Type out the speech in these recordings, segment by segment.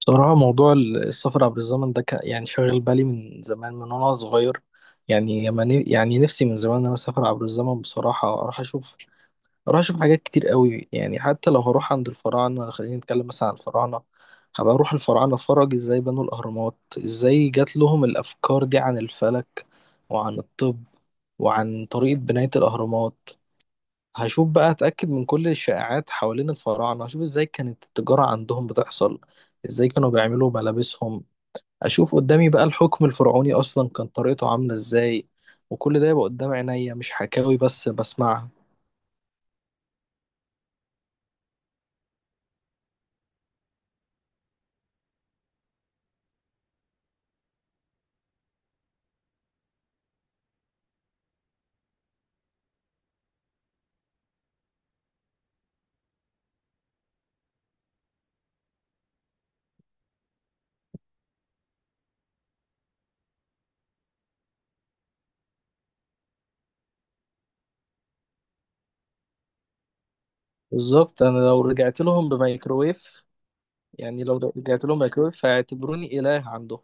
بصراحة، موضوع السفر عبر الزمن ده كان يعني شاغل بالي من زمان من وأنا صغير. يعني لما يعني نفسي من زمان إن أنا أسافر عبر الزمن. بصراحة أروح أشوف حاجات كتير قوي. يعني حتى لو هروح عند الفراعنة، خلينا نتكلم مثلا عن الفراعنة. هبقى أروح الفراعنة أتفرج إزاي بنوا الأهرامات، إزاي جات لهم الأفكار دي عن الفلك وعن الطب وعن طريقة بناية الأهرامات. هشوف بقى، هتأكد من كل الشائعات حوالين الفراعنة. هشوف ازاي كانت التجارة عندهم بتحصل، ازاي كانوا بيعملوا ملابسهم. اشوف قدامي بقى الحكم الفرعوني اصلا كان طريقته عاملة ازاي، وكل ده يبقى قدام عينيا مش حكاوي بس بسمعها. بالظبط، انا لو رجعت لهم بميكرويف، يعني لو رجعت لهم ميكرويف هيعتبروني إله عندهم.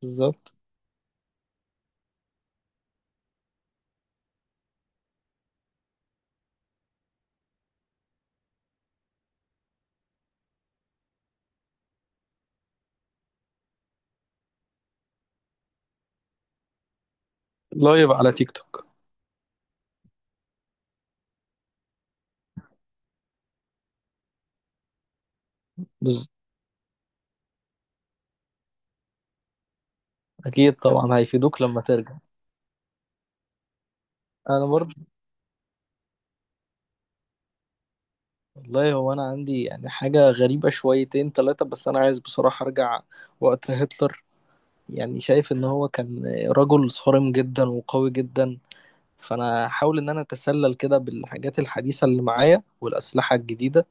بالظبط. لايف على تيك توك. بز... اكيد طبعا هيفيدوك لما ترجع. انا برضه، والله هو انا عندي يعني حاجه غريبه شويتين ثلاثه، بس انا عايز بصراحه ارجع وقت هتلر. يعني شايف ان هو كان رجل صارم جدا وقوي جدا. فانا هحاول ان انا اتسلل كده بالحاجات الحديثه اللي معايا والاسلحه الجديده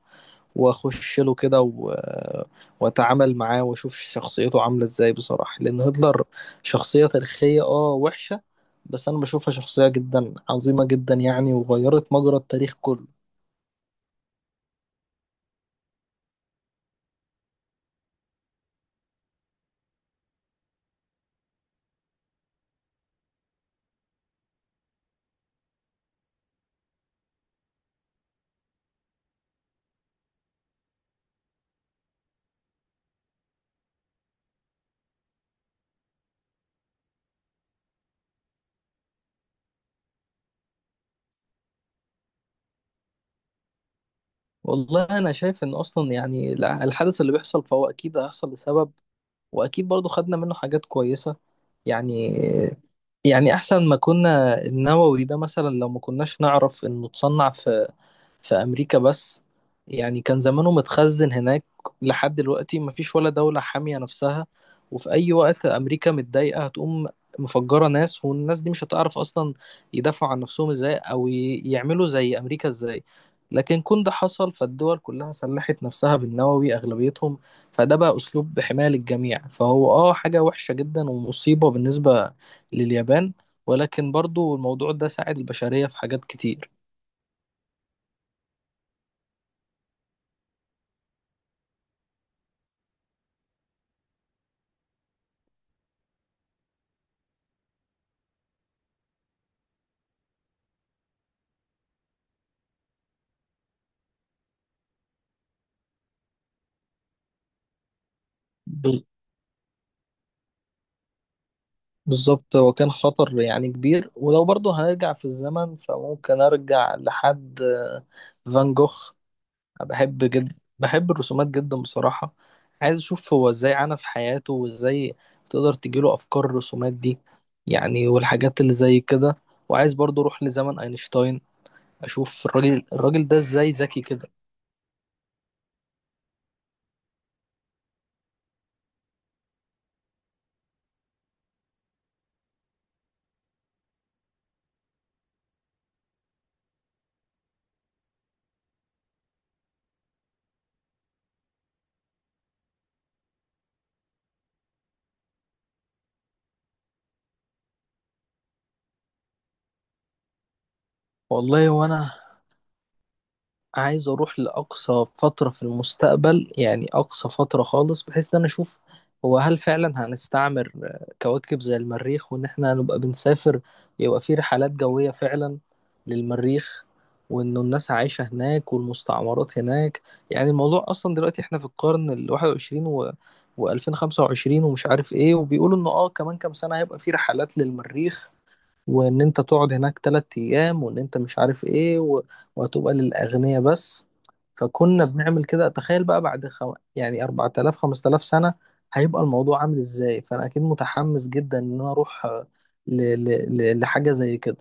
واخش له كده. واتعامل معاه واشوف شخصيته عامله ازاي. بصراحه لان هتلر شخصيه تاريخيه اه وحشه، بس انا بشوفها شخصيه جدا عظيمه جدا يعني، وغيرت مجرى التاريخ كله. والله، انا شايف ان اصلا يعني الحدث اللي بيحصل فهو اكيد هيحصل لسبب، واكيد برضو خدنا منه حاجات كويسة. يعني، يعني احسن ما كنا. النووي ده مثلا لو ما كناش نعرف انه اتصنع في في أمريكا بس، يعني كان زمانه متخزن هناك لحد دلوقتي. مفيش ولا دولة حامية نفسها، وفي أي وقت أمريكا متضايقة هتقوم مفجرة ناس، والناس دي مش هتعرف أصلا يدافعوا عن نفسهم إزاي، أو يعملوا زي أمريكا إزاي. لكن كون ده حصل فالدول كلها سلحت نفسها بالنووي أغلبيتهم، فده بقى أسلوب حماية للجميع. فهو آه حاجة وحشة جدا ومصيبة بالنسبة لليابان، ولكن برضو الموضوع ده ساعد البشرية في حاجات كتير. بالظبط، هو كان خطر يعني كبير. ولو برضه هنرجع في الزمن فممكن ارجع لحد فان جوخ. أنا بحب جدا، بحب الرسومات جدا بصراحة. عايز اشوف هو ازاي عانى في حياته، وازاي تقدر تجيله افكار الرسومات دي، يعني والحاجات اللي زي كده. وعايز برضه اروح لزمن اينشتاين، اشوف الراجل، الراجل ده ازاي ذكي كده. والله وانا عايز اروح لاقصى فتره في المستقبل، يعني اقصى فتره خالص، بحيث ان انا اشوف هو هل فعلا هنستعمر كواكب زي المريخ، وان احنا نبقى بنسافر، يبقى في رحلات جويه فعلا للمريخ، وانه الناس عايشه هناك والمستعمرات هناك. يعني الموضوع اصلا دلوقتي احنا في القرن ال21 و2025 ومش عارف ايه، وبيقولوا انه اه كمان كام سنه هيبقى في رحلات للمريخ، وان انت تقعد هناك تلات ايام، وان انت مش عارف ايه وهتبقى للاغنياء بس. فكنا بنعمل كده، تخيل بقى بعد يعني 4000 5000 سنة هيبقى الموضوع عامل ازاي. فانا اكيد متحمس جدا ان انا اروح ل... لحاجة زي كده.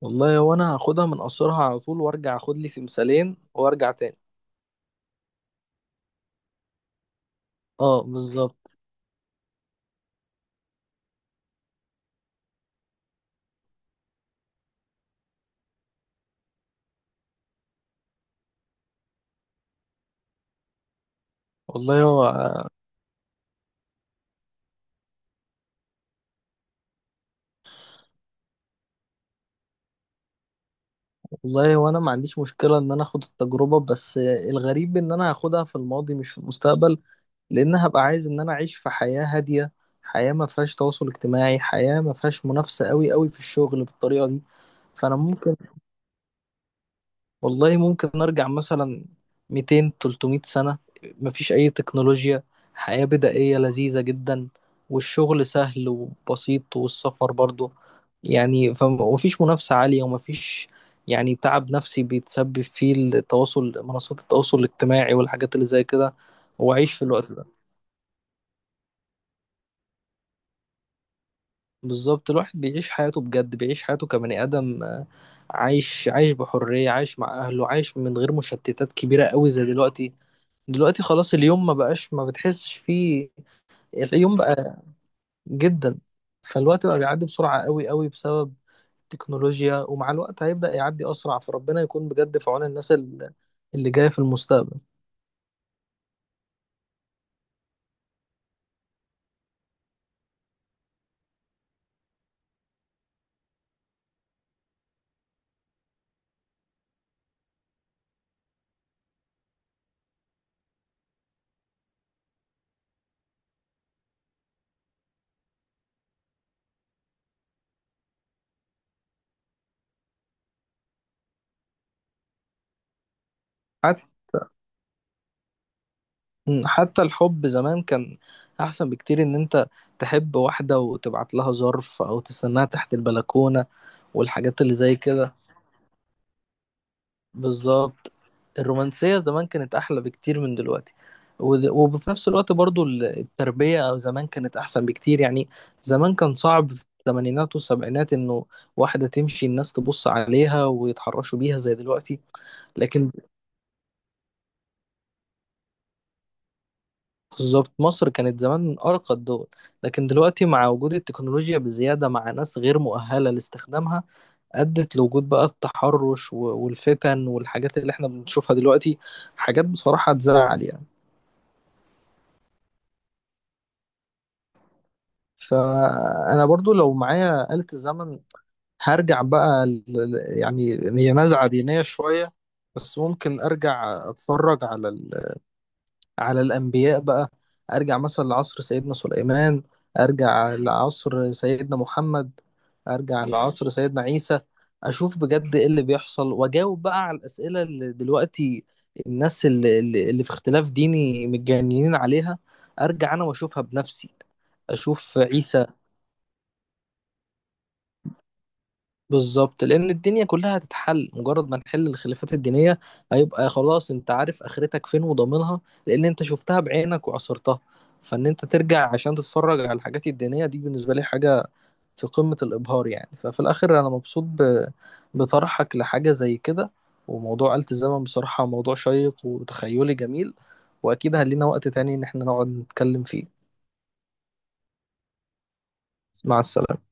والله هو انا هاخدها من قصرها على طول وارجع اخد لي تمثالين وارجع تاني. اه بالظبط. والله هو، والله وانا ما عنديش مشكلة ان انا اخد التجربة، بس الغريب ان انا هاخدها في الماضي مش في المستقبل، لان هبقى عايز ان انا اعيش في حياة هادية، حياة ما فيهاش تواصل اجتماعي، حياة ما فيهاش منافسة قوي قوي في الشغل بالطريقة دي. فانا ممكن، والله ممكن نرجع مثلا 200 300 سنة. مفيش أي تكنولوجيا، حياة بدائية لذيذة جدا. والشغل سهل وبسيط، والسفر برضو يعني ومفيش منافسة عالية، ومفيش يعني تعب نفسي بيتسبب فيه التواصل، منصات التواصل الاجتماعي والحاجات اللي زي كده. هو عايش في الوقت ده. بالظبط، الواحد بيعيش حياته بجد، بيعيش حياته كبني آدم. عايش بحرية، عايش مع أهله، عايش من غير مشتتات كبيرة قوي زي دلوقتي. دلوقتي خلاص اليوم ما بقاش، ما بتحسش فيه. اليوم بقى جدا، فالوقت بقى بيعدي بسرعة قوي قوي بسبب التكنولوجيا. ومع الوقت هيبدأ يعدي أسرع. فربنا يكون بجد في عون الناس اللي جاية في المستقبل. حتى حتى الحب زمان كان أحسن بكتير. إن أنت تحب واحدة وتبعت لها ظرف أو تستناها تحت البلكونة، والحاجات اللي زي كده. بالظبط، الرومانسية زمان كانت أحلى بكتير من دلوقتي. وفي نفس الوقت برضو التربية أو زمان كانت أحسن بكتير. يعني زمان كان صعب في الثمانينات والسبعينات إنه واحدة تمشي الناس تبص عليها ويتحرشوا بيها زي دلوقتي. لكن بالظبط، مصر كانت زمان من أرقى الدول. لكن دلوقتي مع وجود التكنولوجيا بزيادة مع ناس غير مؤهلة لاستخدامها، أدت لوجود بقى التحرش والفتن والحاجات اللي احنا بنشوفها دلوقتي. حاجات بصراحة تزعل يعني. فانا برضو لو معايا آلة الزمن، هرجع بقى يعني هي نزعة دينية شوية، بس ممكن ارجع اتفرج على على الانبياء بقى. ارجع مثلا لعصر سيدنا سليمان، ارجع لعصر سيدنا محمد، ارجع لعصر سيدنا عيسى. اشوف بجد ايه اللي بيحصل، واجاوب بقى على الاسئلة اللي دلوقتي الناس اللي في اختلاف ديني متجننين عليها. ارجع انا واشوفها بنفسي. اشوف عيسى. بالظبط، لان الدنيا كلها هتتحل مجرد ما نحل الخلافات الدينيه. هيبقى خلاص انت عارف اخرتك فين وضامنها، لان انت شفتها بعينك وعصرتها. فان انت ترجع عشان تتفرج على الحاجات الدينيه دي، بالنسبه لي حاجه في قمه الابهار. يعني ففي الاخر انا مبسوط بطرحك لحاجه زي كده. وموضوع آلة الزمن بصراحه موضوع شيق وتخيلي جميل، واكيد هلينا وقت تاني ان احنا نقعد نتكلم فيه. مع السلامه.